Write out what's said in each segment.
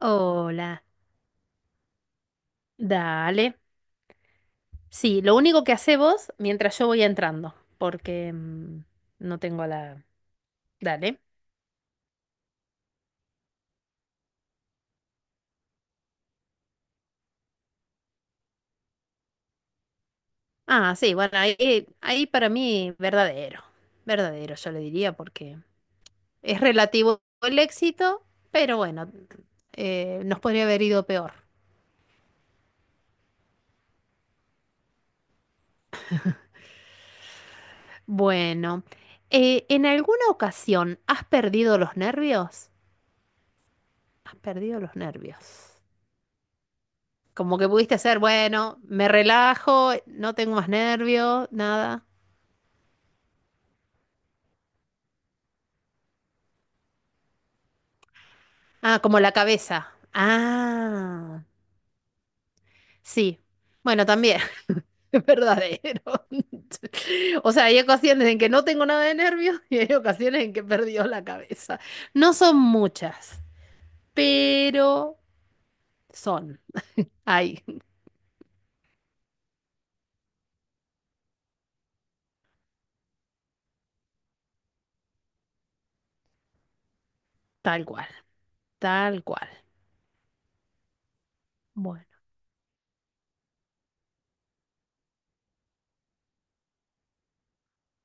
Hola, dale. Sí, lo único que hace vos mientras yo voy entrando, porque no tengo la... Dale. Ah, sí, bueno, ahí, ahí para mí verdadero, verdadero, yo le diría, porque es relativo el éxito, pero bueno, nos podría haber ido peor. Bueno, ¿en alguna ocasión has perdido los nervios? Has perdido los nervios. Como que pudiste hacer, bueno, me relajo, no tengo más nervios, nada. Ah, como la cabeza. Ah, sí. Bueno, también, es verdadero. O sea, hay ocasiones en que no tengo nada de nervios y hay ocasiones en que he perdido la cabeza. No son muchas, pero son. Ay, tal cual, tal cual. Bueno.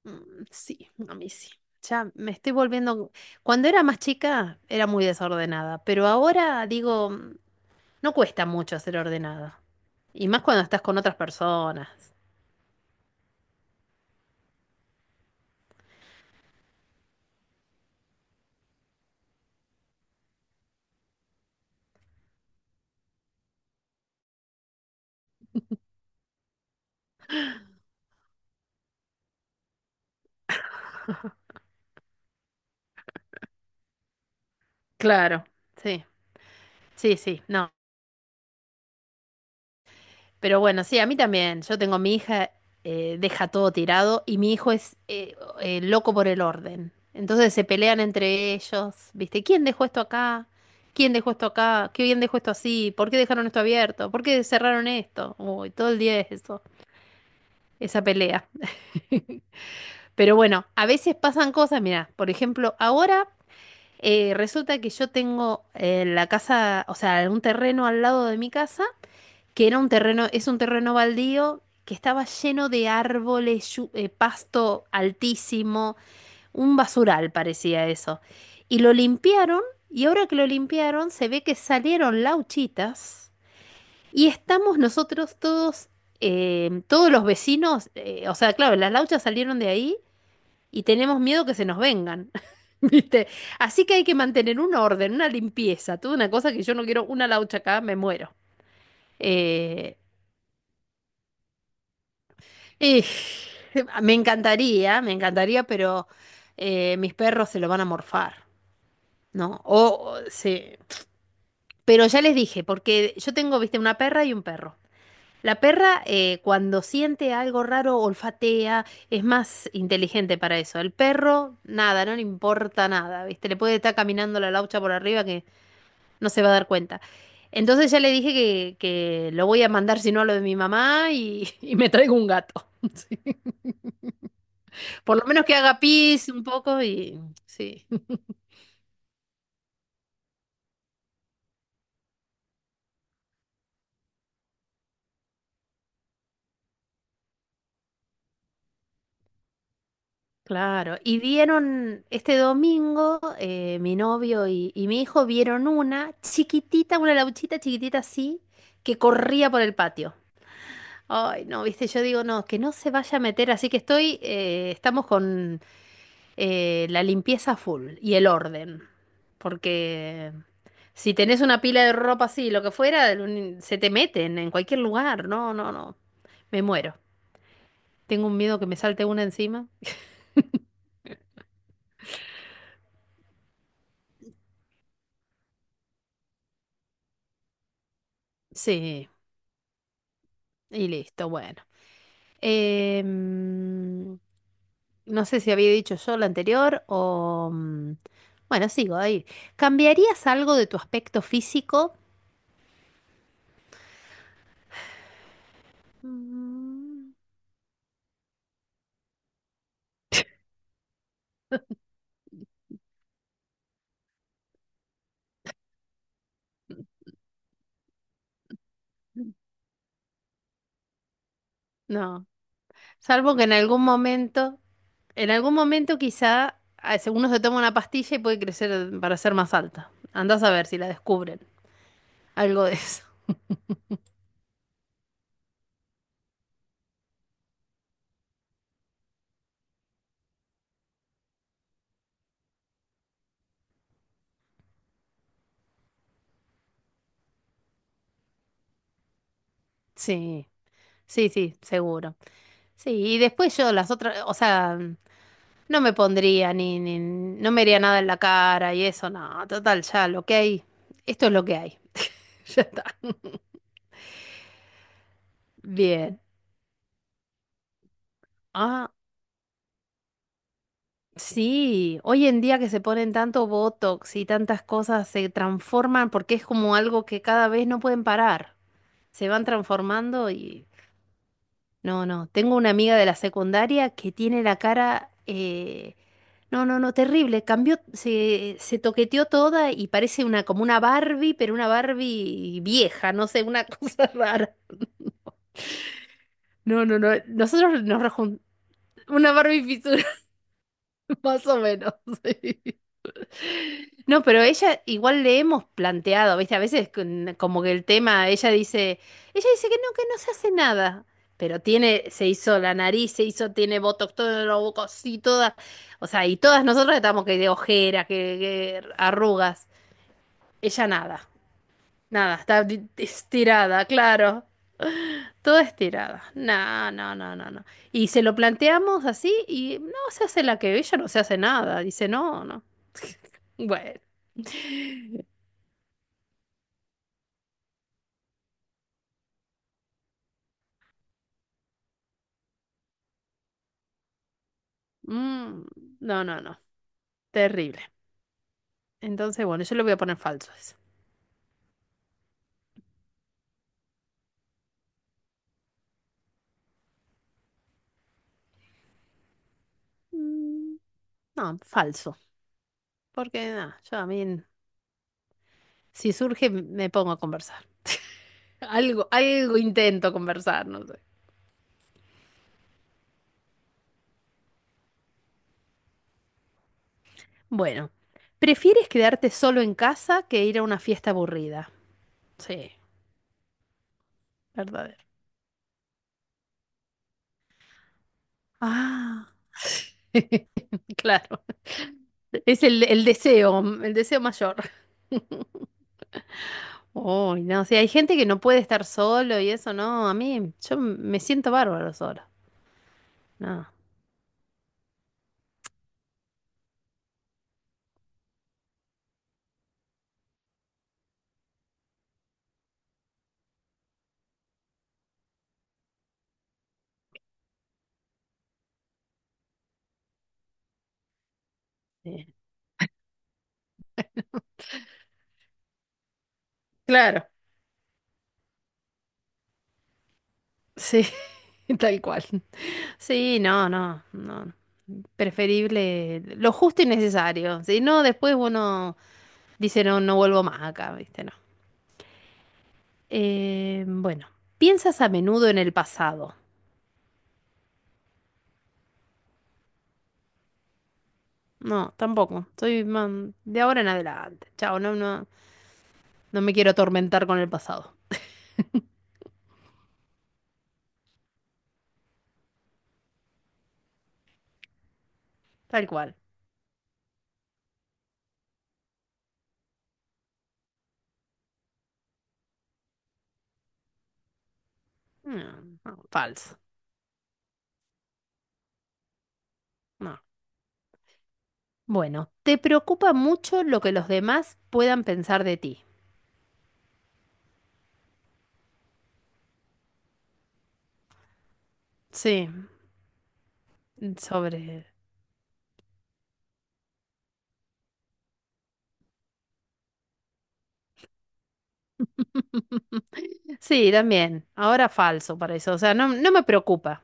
Sí, a mí sí. Ya me estoy volviendo. Cuando era más chica era muy desordenada, pero ahora digo, no cuesta mucho ser ordenada. Y más cuando estás con otras personas. Claro, sí, sí, sí. No. Pero bueno, sí, a mí también. Yo tengo mi hija, deja todo tirado y mi hijo es loco por el orden. Entonces se pelean entre ellos, ¿viste? ¿Quién dejó esto acá? ¿Quién dejó esto acá? ¿Qué bien dejó esto así? ¿Por qué dejaron esto abierto? ¿Por qué cerraron esto? Uy, todo el día es eso, esa pelea. Pero bueno, a veces pasan cosas, mira, por ejemplo, ahora resulta que yo tengo la casa, o sea, un terreno al lado de mi casa que era un terreno, es un terreno baldío que estaba lleno de árboles, pasto altísimo, un basural parecía eso. Y lo limpiaron y ahora que lo limpiaron se ve que salieron lauchitas y estamos nosotros todos, todos los vecinos, o sea, claro, las lauchas salieron de ahí y tenemos miedo que se nos vengan. ¿Viste? Así que hay que mantener un orden, una limpieza, toda una cosa que yo no quiero, una laucha acá, me muero. Eh, Y me encantaría, pero mis perros se lo van a morfar, ¿no? O se- Pero ya les dije, porque yo tengo, viste, una perra y un perro. La perra, cuando siente algo raro, olfatea, es más inteligente para eso. El perro, nada, no le importa nada, viste, le puede estar caminando la laucha por arriba que no se va a dar cuenta. Entonces ya le dije que lo voy a mandar, si no, a lo de mi mamá y, y me traigo un gato. Sí. Por lo menos que haga pis un poco y sí, claro. Y vieron este domingo, mi novio y mi hijo vieron una chiquitita, una lauchita chiquitita así, que corría por el patio. Ay, no, viste, yo digo, no, que no se vaya a meter, así que estoy, estamos con la limpieza full y el orden. Porque si tenés una pila de ropa así, lo que fuera, un- se te meten en cualquier lugar. No, no, no. Me muero. Tengo un miedo que me salte una encima. Sí, y listo, bueno. Em, no sé si había dicho yo la anterior o... bueno, sigo ahí. ¿Cambiarías algo de tu aspecto físico? Mm, No, salvo que en algún momento quizá a- uno se toma una pastilla y puede crecer para ser más alta. Andás a ver si la descubren. Algo de eso. Sí, sí, sí, seguro. Sí, y después yo las otras, o sea, no me pondría ni, ni, no me haría nada en la cara y eso, no, total, ya lo que hay, esto es lo que hay, ya está. Bien. Ah, sí, hoy en día que se ponen tanto botox y tantas cosas se transforman porque es como algo que cada vez no pueden parar, se van transformando y no, no. Tengo una amiga de la secundaria que tiene la cara... no, no, no, terrible. Cambió, se toqueteó toda y parece una como una Barbie, pero una Barbie vieja, no sé, una cosa rara. No, no, no. Nosotros nos rejuntamos. Una Barbie fisura, más o menos. No, pero ella igual le hemos planteado, ¿viste? A veces con- como que el tema, ella dice que no se hace nada, pero tiene, se hizo la nariz, se hizo, tiene botox, todo lo bocos y todas, o sea, y todas nosotras estamos que de ojeras, que arrugas, ella nada, nada, está di- estirada, claro. Toda estirada. No, no, no, no, no. Y se lo planteamos así y no se hace la que ella no se hace nada. Dice, no, no. Bueno. Mm, no, no, no. Terrible. Entonces, bueno, yo le voy a poner falso a eso. Mm, no, falso. Porque nada, yo a mí, si surge, me pongo a conversar. Algo, algo intento conversar, no sé. Bueno, ¿prefieres quedarte solo en casa que ir a una fiesta aburrida? Sí, verdadero. Ah. Claro, es el deseo, el deseo mayor. Uy, no, o sea, hay gente que no puede estar solo y eso, no, a mí, yo me siento bárbaro solo. No, sí. Claro, sí, tal cual. Sí, no, no, no. Preferible lo justo y necesario. Si no, después uno dice, no, no vuelvo más acá, ¿viste? No. Bueno, ¿piensas a menudo en el pasado? No, tampoco. Soy más de ahora en adelante. Chao, no, no, no me quiero atormentar con el pasado. Tal cual. No, no, falso. No. Bueno, ¿te preocupa mucho lo que los demás puedan pensar de ti? Sí, sobre... Sí, también. Ahora falso para eso. O sea, no, no me preocupa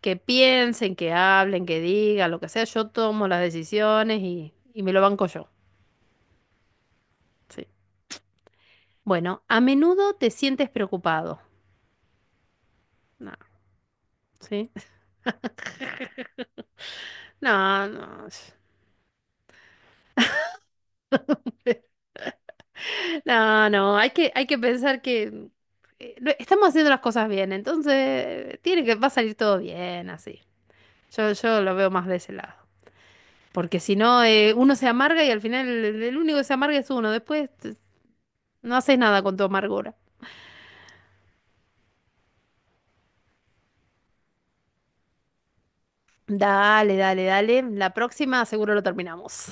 que piensen, que hablen, que digan, lo que sea. Yo tomo las decisiones y me lo banco yo. Sí. Bueno, a menudo te sientes preocupado. No, ¿sí? No, no, no, no, hay que pensar que lo- estamos haciendo las cosas bien, entonces tiene que, va a salir todo bien, así. Yo lo veo más de ese lado. Porque si no, uno se amarga y al final el único que se amarga es uno. Después t- no haces nada con tu amargura. Dale, dale, dale. La próxima seguro lo terminamos.